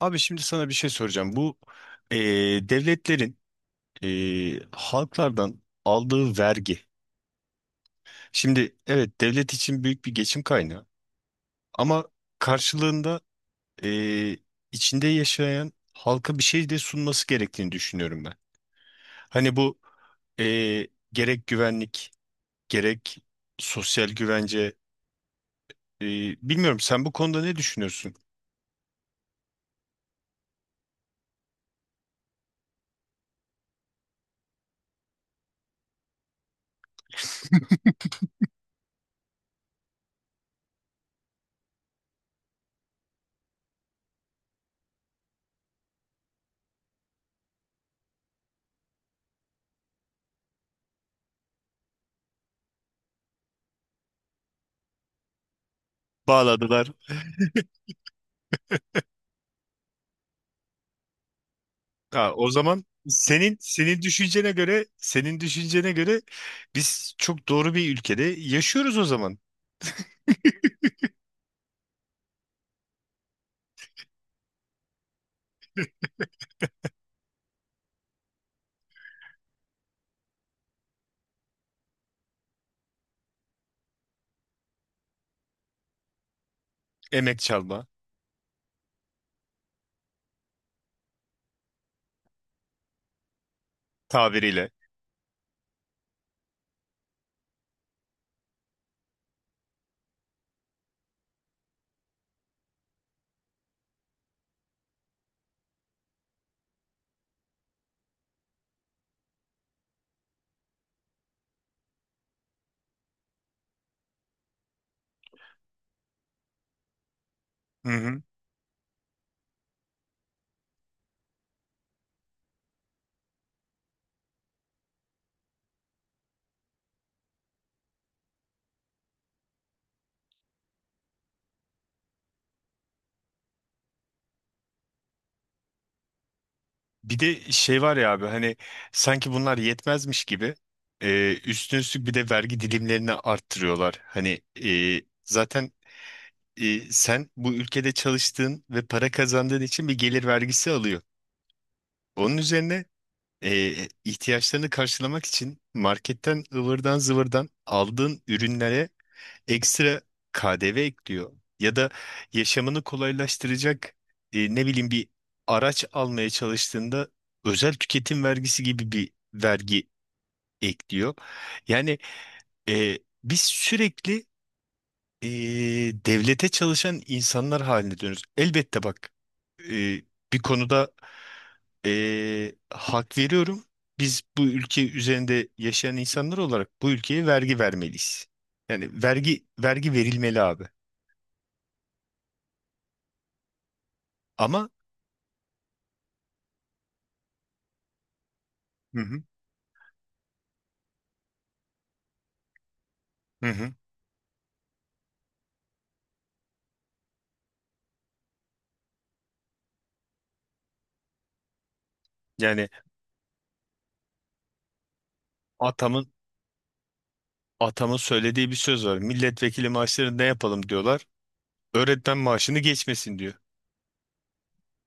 Abi şimdi sana bir şey soracağım. Bu e, devletlerin halklardan aldığı vergi. Şimdi evet, devlet için büyük bir geçim kaynağı, ama karşılığında e, içinde yaşayan halka bir şey de sunması gerektiğini düşünüyorum ben. Hani bu e, gerek güvenlik, gerek sosyal güvence, e, bilmiyorum, sen bu konuda ne düşünüyorsun? Bağladılar. Ha, o zaman senin düşüncene göre, senin düşüncene göre biz çok doğru bir ülkede yaşıyoruz o zaman. Emek çalma, tabiriyle. Hı hı. Bir de şey var ya abi, hani sanki bunlar yetmezmiş gibi üstüne üstlük bir de vergi dilimlerini arttırıyorlar. Hani zaten sen bu ülkede çalıştığın ve para kazandığın için bir gelir vergisi alıyor. Onun üzerine ihtiyaçlarını karşılamak için marketten ıvırdan zıvırdan aldığın ürünlere ekstra KDV ekliyor. Ya da yaşamını kolaylaştıracak, ne bileyim, bir araç almaya çalıştığında özel tüketim vergisi gibi bir vergi ekliyor. Yani e, biz sürekli devlete çalışan insanlar haline dönüyoruz. Elbette bak, eee, bir konuda hak veriyorum. Biz bu ülke üzerinde yaşayan insanlar olarak bu ülkeye vergi vermeliyiz. Yani vergi verilmeli abi. Ama Hı hı. Hı hı. Yani atamın atamın söylediği bir söz var. Milletvekili maaşlarını ne yapalım diyorlar. Öğretmen maaşını geçmesin diyor.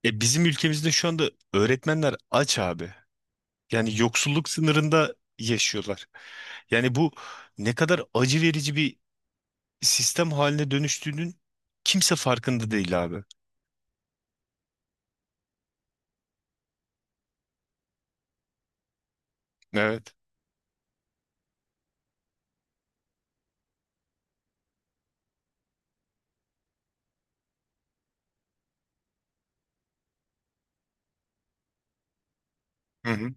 E bizim ülkemizde şu anda öğretmenler aç abi. Yani yoksulluk sınırında yaşıyorlar. Yani bu ne kadar acı verici bir sistem haline dönüştüğünün kimse farkında değil abi. Evet. Hı hı.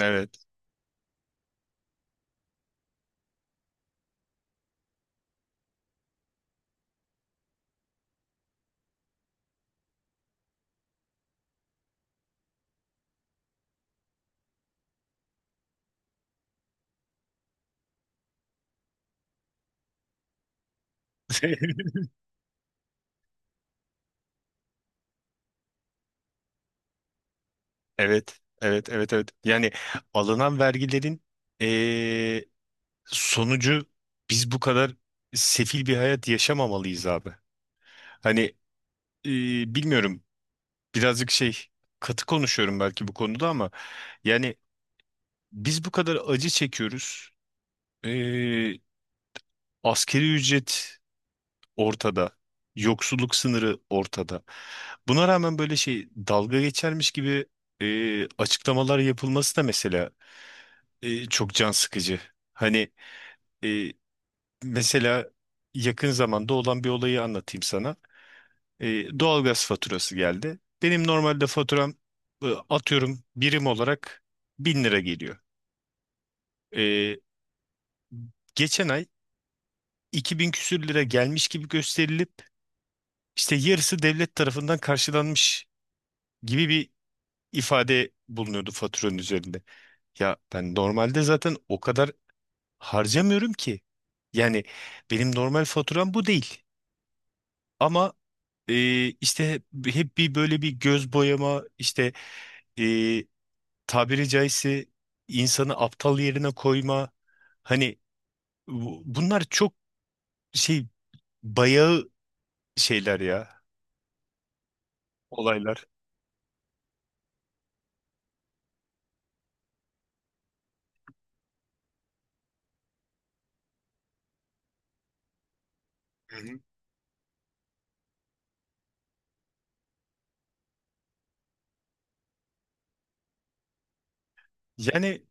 Evet. Evet, evet, evet, evet. Yani alınan vergilerin eee, sonucu biz bu kadar sefil bir hayat yaşamamalıyız abi. Hani, bilmiyorum, birazcık şey, katı konuşuyorum belki bu konuda, ama yani biz bu kadar acı çekiyoruz. Eee, Askeri ücret ortada. Yoksulluk sınırı ortada. Buna rağmen böyle şey dalga geçermiş gibi açıklamalar yapılması da mesela çok can sıkıcı. Hani e, mesela yakın zamanda olan bir olayı anlatayım sana. E, doğalgaz faturası geldi. Benim normalde faturam atıyorum birim olarak bin lira geliyor. E, geçen ay 2000 küsür lira gelmiş gibi gösterilip işte yarısı devlet tarafından karşılanmış gibi bir ifade bulunuyordu faturanın üzerinde. Ya ben normalde zaten o kadar harcamıyorum ki. Yani benim normal faturam bu değil. Ama işte hep bir böyle bir göz boyama, işte, e, tabiri caizse insanı aptal yerine koyma, hani bunlar çok şey, bayağı şeyler ya, olaylar. Hı hı. Yani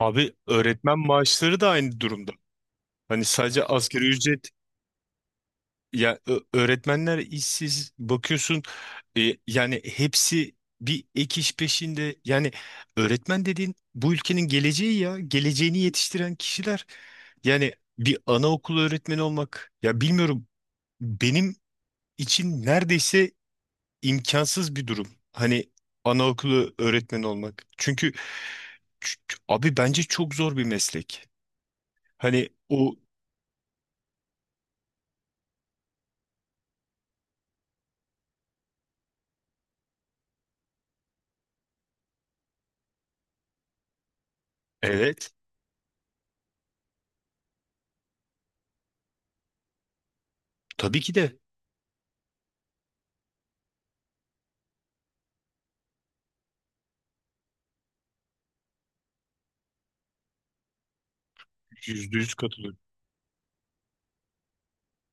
abi öğretmen maaşları da aynı durumda. Hani sadece asgari ücret. Ya öğretmenler işsiz, bakıyorsun yani hepsi bir ek iş peşinde. Yani öğretmen dediğin bu ülkenin geleceği ya. Geleceğini yetiştiren kişiler. Yani bir anaokulu öğretmeni olmak ya, bilmiyorum, benim için neredeyse imkansız bir durum. Hani anaokulu öğretmeni olmak. Çünkü abi bence çok zor bir meslek. Hani o evet, tabii ki de yüzde yüz katılıyorum.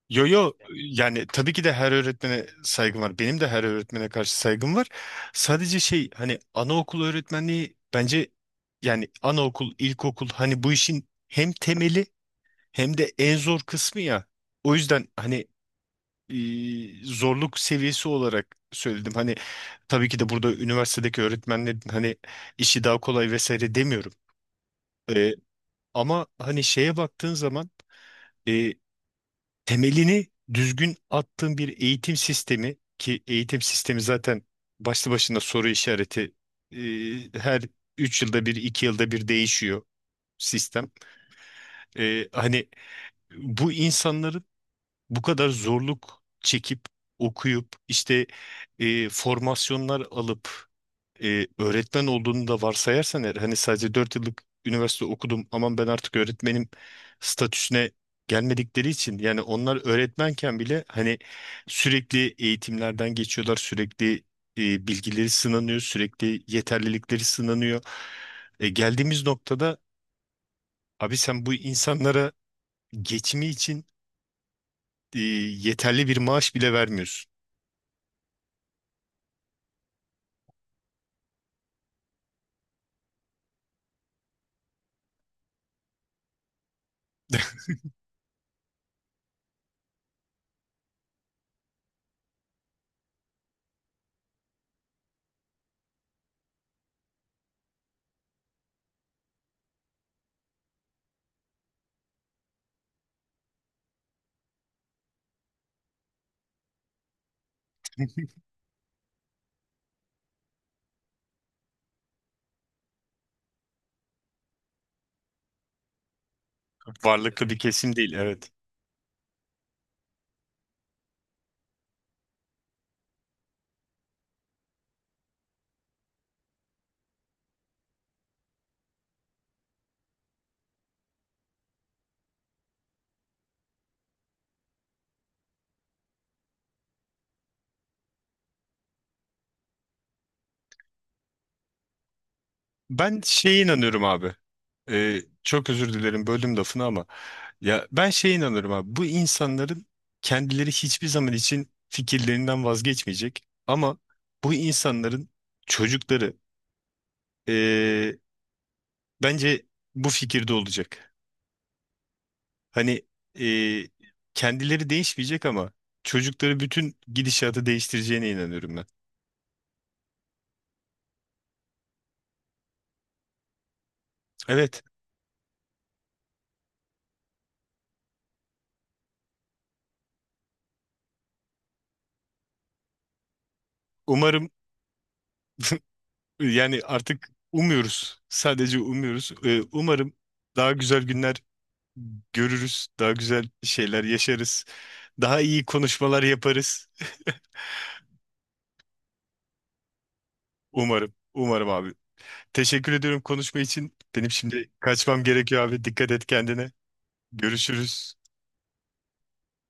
Yo yo, yani tabii ki de her öğretmene saygım var. Benim de her öğretmene karşı saygım var. Sadece şey, hani anaokul öğretmenliği bence, yani anaokul, ilkokul, hani bu işin hem temeli hem de en zor kısmı ya. O yüzden hani zorluk seviyesi olarak söyledim. Hani tabii ki de burada üniversitedeki öğretmenlerin hani işi daha kolay vesaire demiyorum. E, ama hani şeye baktığın zaman temelini düzgün attığın bir eğitim sistemi, ki eğitim sistemi zaten başlı başına soru işareti, e, her 3 yılda bir, 2 yılda bir değişiyor sistem. E, hani bu insanların bu kadar zorluk çekip okuyup, işte formasyonlar alıp öğretmen olduğunu da varsayarsan eğer, hani sadece 4 yıllık üniversite okudum, aman ben artık öğretmenim statüsüne gelmedikleri için, yani onlar öğretmenken bile hani sürekli eğitimlerden geçiyorlar, sürekli bilgileri sınanıyor, sürekli yeterlilikleri sınanıyor. E, geldiğimiz noktada abi sen bu insanlara geçimi için e, yeterli bir maaş bile vermiyorsun. Haklısın. Varlıklı bir kesim değil, evet. Ben şeye inanıyorum abi. Çok özür dilerim, böldüm lafını ama ya ben şeye inanıyorum abi. Bu insanların kendileri hiçbir zaman için fikirlerinden vazgeçmeyecek. Ama bu insanların çocukları, ee, bence bu fikirde olacak. Hani ee, kendileri değişmeyecek ama çocukları bütün gidişatı değiştireceğine inanıyorum ben. Evet. Umarım. Yani artık umuyoruz. Sadece umuyoruz. Umarım daha güzel günler görürüz. Daha güzel şeyler yaşarız. Daha iyi konuşmalar yaparız. Umarım. Umarım abi. Teşekkür ediyorum konuşma için. Benim şimdi kaçmam gerekiyor abi. Dikkat et kendine. Görüşürüz.